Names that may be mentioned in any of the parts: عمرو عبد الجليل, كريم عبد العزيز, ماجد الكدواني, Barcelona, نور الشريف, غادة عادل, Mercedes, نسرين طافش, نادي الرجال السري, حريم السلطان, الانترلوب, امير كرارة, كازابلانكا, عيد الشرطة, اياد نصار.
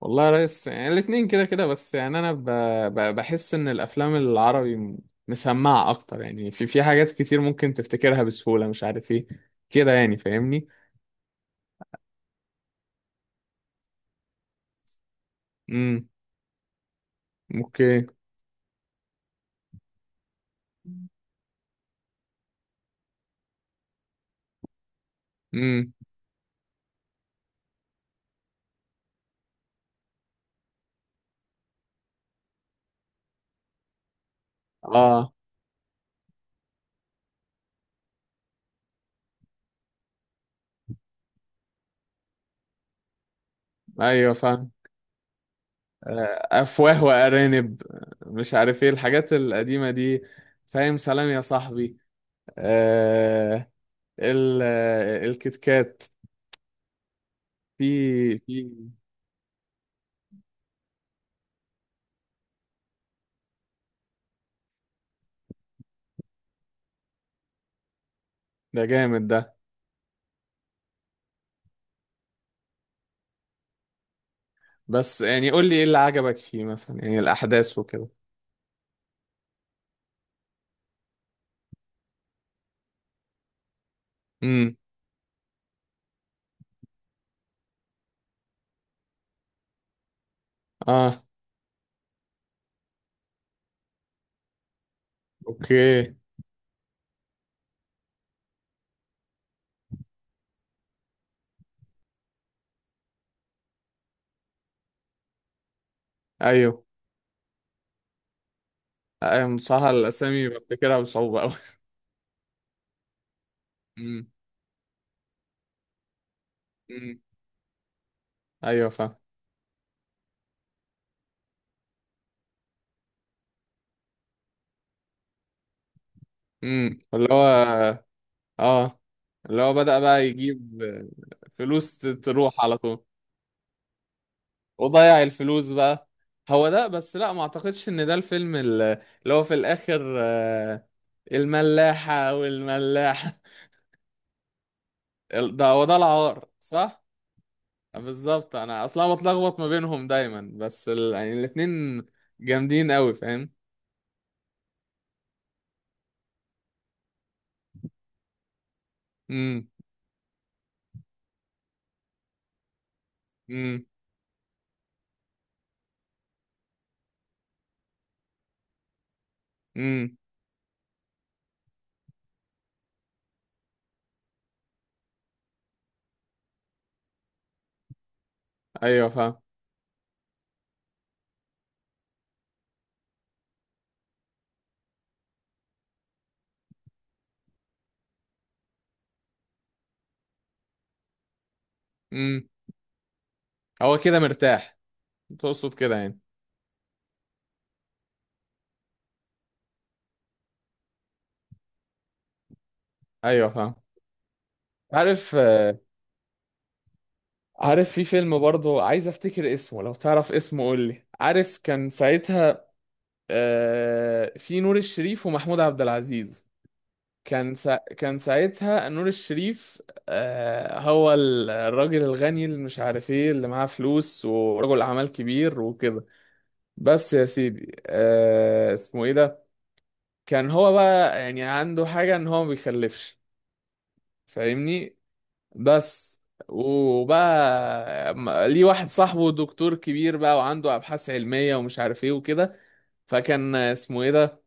والله يا ريس، يعني الاتنين كده كده. بس يعني انا بحس ان الافلام العربي مسمعة اكتر، يعني في في حاجات كتير ممكن تفتكرها بسهولة، مش عارف ايه كده، يعني فاهمني. امم. اوكي. امم. اه. ايوه فاهم. افواه وارانب. مش عارف ايه الحاجات القديمة دي. فاهم، سلام يا صاحبي. آه. الكتكات. في في. ده جامد ده. بس يعني قول لي ايه اللي عجبك فيه مثلا، يعني الاحداث وكده. امم. اه. اوكي. ايوه. ايوه بصراحة الاسامي بفتكرها بصعوبة قوي. امم. امم. ايوه فاهم. امم، اللي هو اه، اللي هو بدأ بقى يجيب فلوس تروح على طول. وضيع الفلوس بقى. هو ده. بس لا، ما اعتقدش ان ده الفيلم اللي هو في الاخر، الملاحة والملاحة. ده هو ده العار صح. بالظبط، انا اصلا بتلخبط ما بينهم دايما، بس يعني الاتنين جامدين قوي، فاهم. امم. امم. امم. ايوه فاهم. امم. هو كده مرتاح، تقصد كده يعني. ايوه فاهم. عارف. عارف في فيلم برضه، عايز افتكر اسمه، لو تعرف اسمه قول لي. عارف كان ساعتها في نور الشريف ومحمود عبد العزيز. كان ساعتها نور الشريف هو الراجل الغني، اللي مش عارف ايه، اللي معاه فلوس ورجل اعمال كبير وكده. بس يا سيدي، آه اسمه ايه ده. كان هو بقى يعني عنده حاجة ان هو ما بيخلفش، فاهمني. بس. وبقى ليه واحد صاحبه دكتور كبير بقى، وعنده ابحاث علمية ومش عارف ايه وكده. فكان اسمه ايه ده.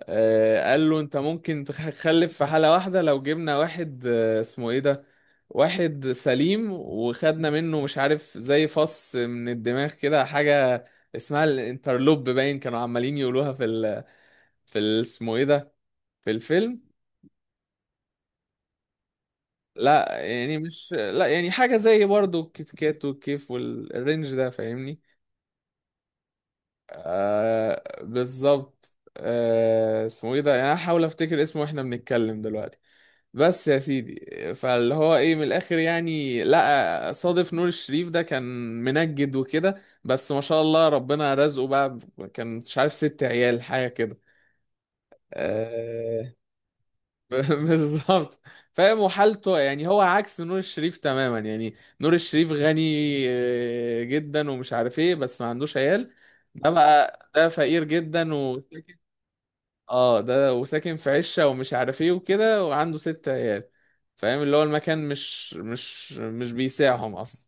قال له انت ممكن تخلف في حالة واحدة، لو جبنا واحد، اسمه ايه ده، واحد سليم، وخدنا منه مش عارف زي فص من الدماغ كده حاجة، اسمها الانترلوب، باين كانوا عمالين يقولوها في ال... اسمه ايه ده، في الفيلم. لا يعني حاجة زي برضو الكيت كات والكيف والرينج ده، فاهمني. آه بالظبط. آه اسمه ايه ده، يعني أنا هحاول افتكر اسمه واحنا بنتكلم دلوقتي. بس يا سيدي. فاللي هو ايه من الاخر، يعني لقى صادف نور الشريف ده، كان منجد وكده. بس ما شاء الله، ربنا رزقه بقى كان مش عارف ست عيال، حاجه كده. آه. بالظبط. فاهم. وحالته يعني هو عكس نور الشريف تماما يعني. نور الشريف غني جدا، ومش عارف ايه، بس ما عندوش عيال. ده بقى ده فقير جدا. اه. ده وساكن في عشة ومش عارف ايه وكده، وعنده ست عيال، فاهم. اللي هو المكان مش بيساعهم اصلا.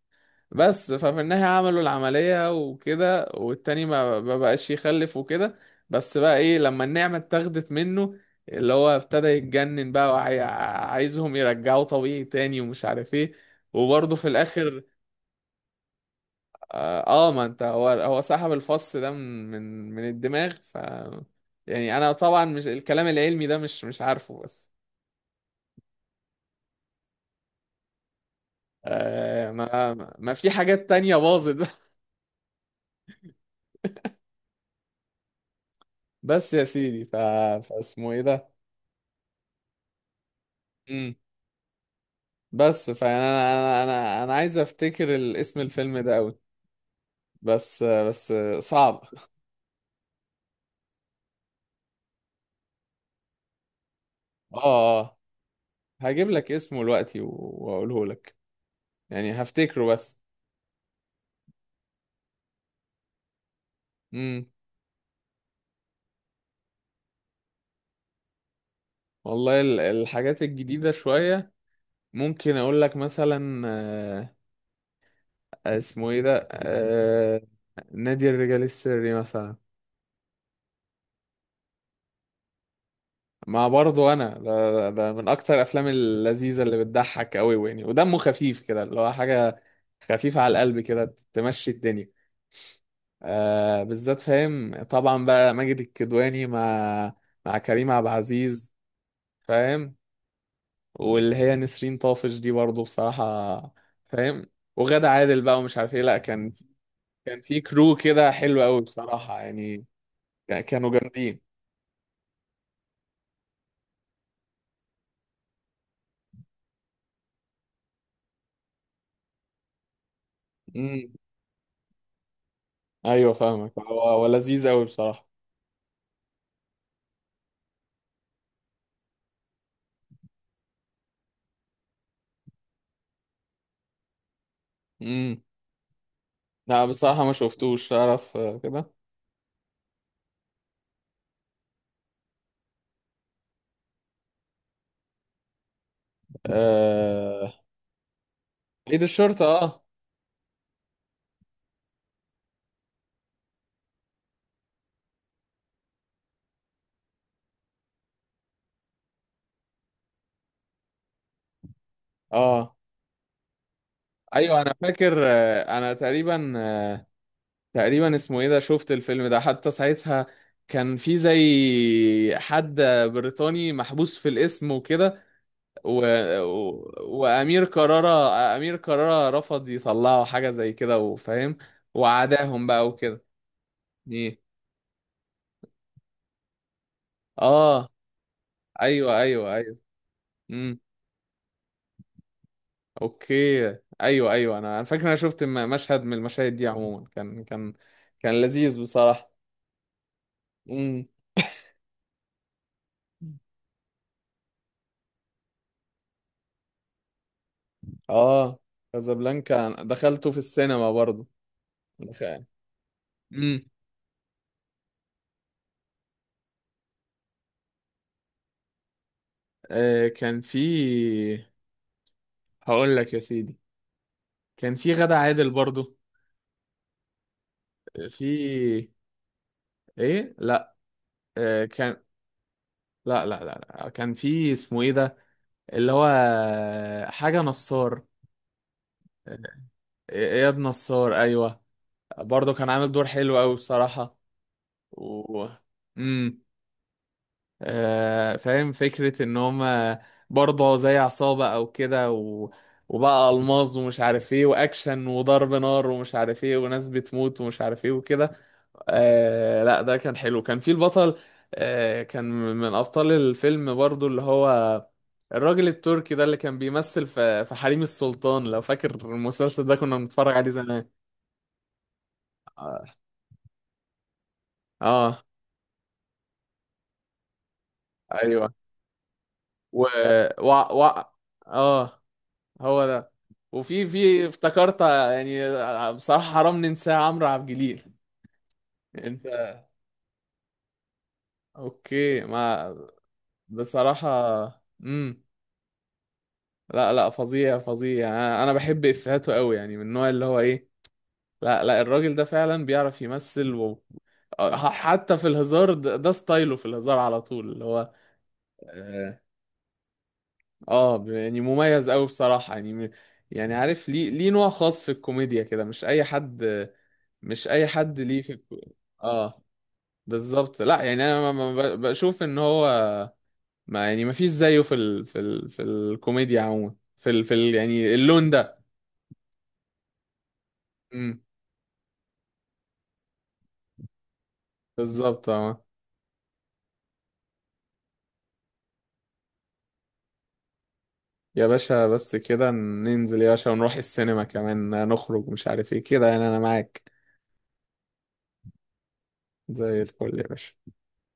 بس ففي النهاية عملوا العملية وكده، والتاني ما ما بقاش يخلف وكده. بس بقى ايه لما النعمة اتاخدت منه، اللي هو ابتدى يتجنن بقى، وعايزهم يرجعوا طبيعي تاني، ومش عارف ايه. وبرضه في الاخر. اه. ما انت هو هو سحب الفص ده من الدماغ. يعني انا طبعا مش الكلام العلمي ده، مش عارفه. بس آه، ما ما في حاجات تانية باظت بقى. بس يا سيدي. فاسمه ايه ده. امم. بس فانا، انا انا انا أنا عايز افتكر اسم الفيلم ده قوي. بس بس. صعب. اه. اه. هجيب لك اسمه دلوقتي واقوله لك. يعني هفتكره بس. امم. والله الحاجات الجديدة شوية ممكن اقول لك مثلا، اسمه ايه ده، نادي الرجال السري مثلا. مع برضه انا، ده من اكتر الافلام اللذيذه اللي بتضحك قوي يعني، ودمه خفيف كده، اللي هو حاجه خفيفه على القلب كده تمشي الدنيا. آه، بالذات فاهم طبعا بقى، ماجد الكدواني مع مع كريم عبد العزيز. فاهم. واللي هي نسرين طافش دي برضه بصراحه، فاهم. وغادة عادل بقى، ومش عارف ايه. لا كان، كان في كرو كده حلو قوي بصراحة يعني. كانوا جامدين. امم. ايوه فاهمك. هو هو لذيذ قوي بصراحة. امم. لا بصراحة ما شفتوش، تعرف كده. آه... عيد الشرطة. اه. اه. ايوه انا فاكر، انا تقريبا، تقريبا اسمه ايه ده، شفت الفيلم ده حتى ساعتها. كان في زي حد بريطاني محبوس في الاسم وكده، و... و... وامير كرارة. امير كرارة رفض يطلعوا حاجه زي كده، وفاهم، وعداهم بقى وكده. ايه. اه، ايوه ايوه ايوه. امم. اوكي. ايوه ايوه، انا فاكر. انا شفت مشهد من المشاهد دي. عموما كان لذيذ بصراحه. امم. اه. كازابلانكا أنا دخلته في السينما برضه. دخل- امم. آه كان في. هقول لك يا سيدي. كان في غادة عادل برضه. في. ايه لا. كان. لا لا لا لا. كان في اسمه ايه ده، اللي هو حاجة نصار. آه. اياد نصار ايوه. برضه كان عامل دور حلو قوي بصراحة. و. امم. آه فاهم فكرة ان هما برضه زي عصابة او كده، و... وبقى ألماظ، ومش عارف ايه، واكشن وضرب نار ومش عارف ايه، وناس بتموت ومش عارف ايه وكده. آه لا ده كان حلو. كان في البطل كان من أبطال الفيلم برضو اللي هو الراجل التركي ده، اللي كان بيمثل في في حريم السلطان، لو فاكر المسلسل ده كنا بنتفرج عليه زمان. اه. آه. ايوه. و و, و... اه. هو ده. وفي في افتكرت، يعني، بصراحة حرام ننساه عمرو عبد الجليل. انت. اوكي ما بصراحة. امم. لا لا فظيع فظيع، يعني انا بحب افهاته قوي يعني، من النوع اللي هو ايه. لا لا الراجل ده فعلا بيعرف يمثل. حتى في الهزار، ده ستايله في الهزار على طول اللي هو. اه. يعني مميز قوي بصراحة. يعني عارف، ليه نوع خاص في الكوميديا كده، مش اي حد. مش اي حد ليه في اه بالظبط. لا يعني انا بشوف ان هو ما، يعني ما فيش زيه في الكوميديا عموما، يعني اللون ده. بالظبط اه. يا باشا بس كده ننزل يا باشا، ونروح السينما كمان نخرج مش عارف ايه كده، يعني انا معاك. زي الفل يا باشا.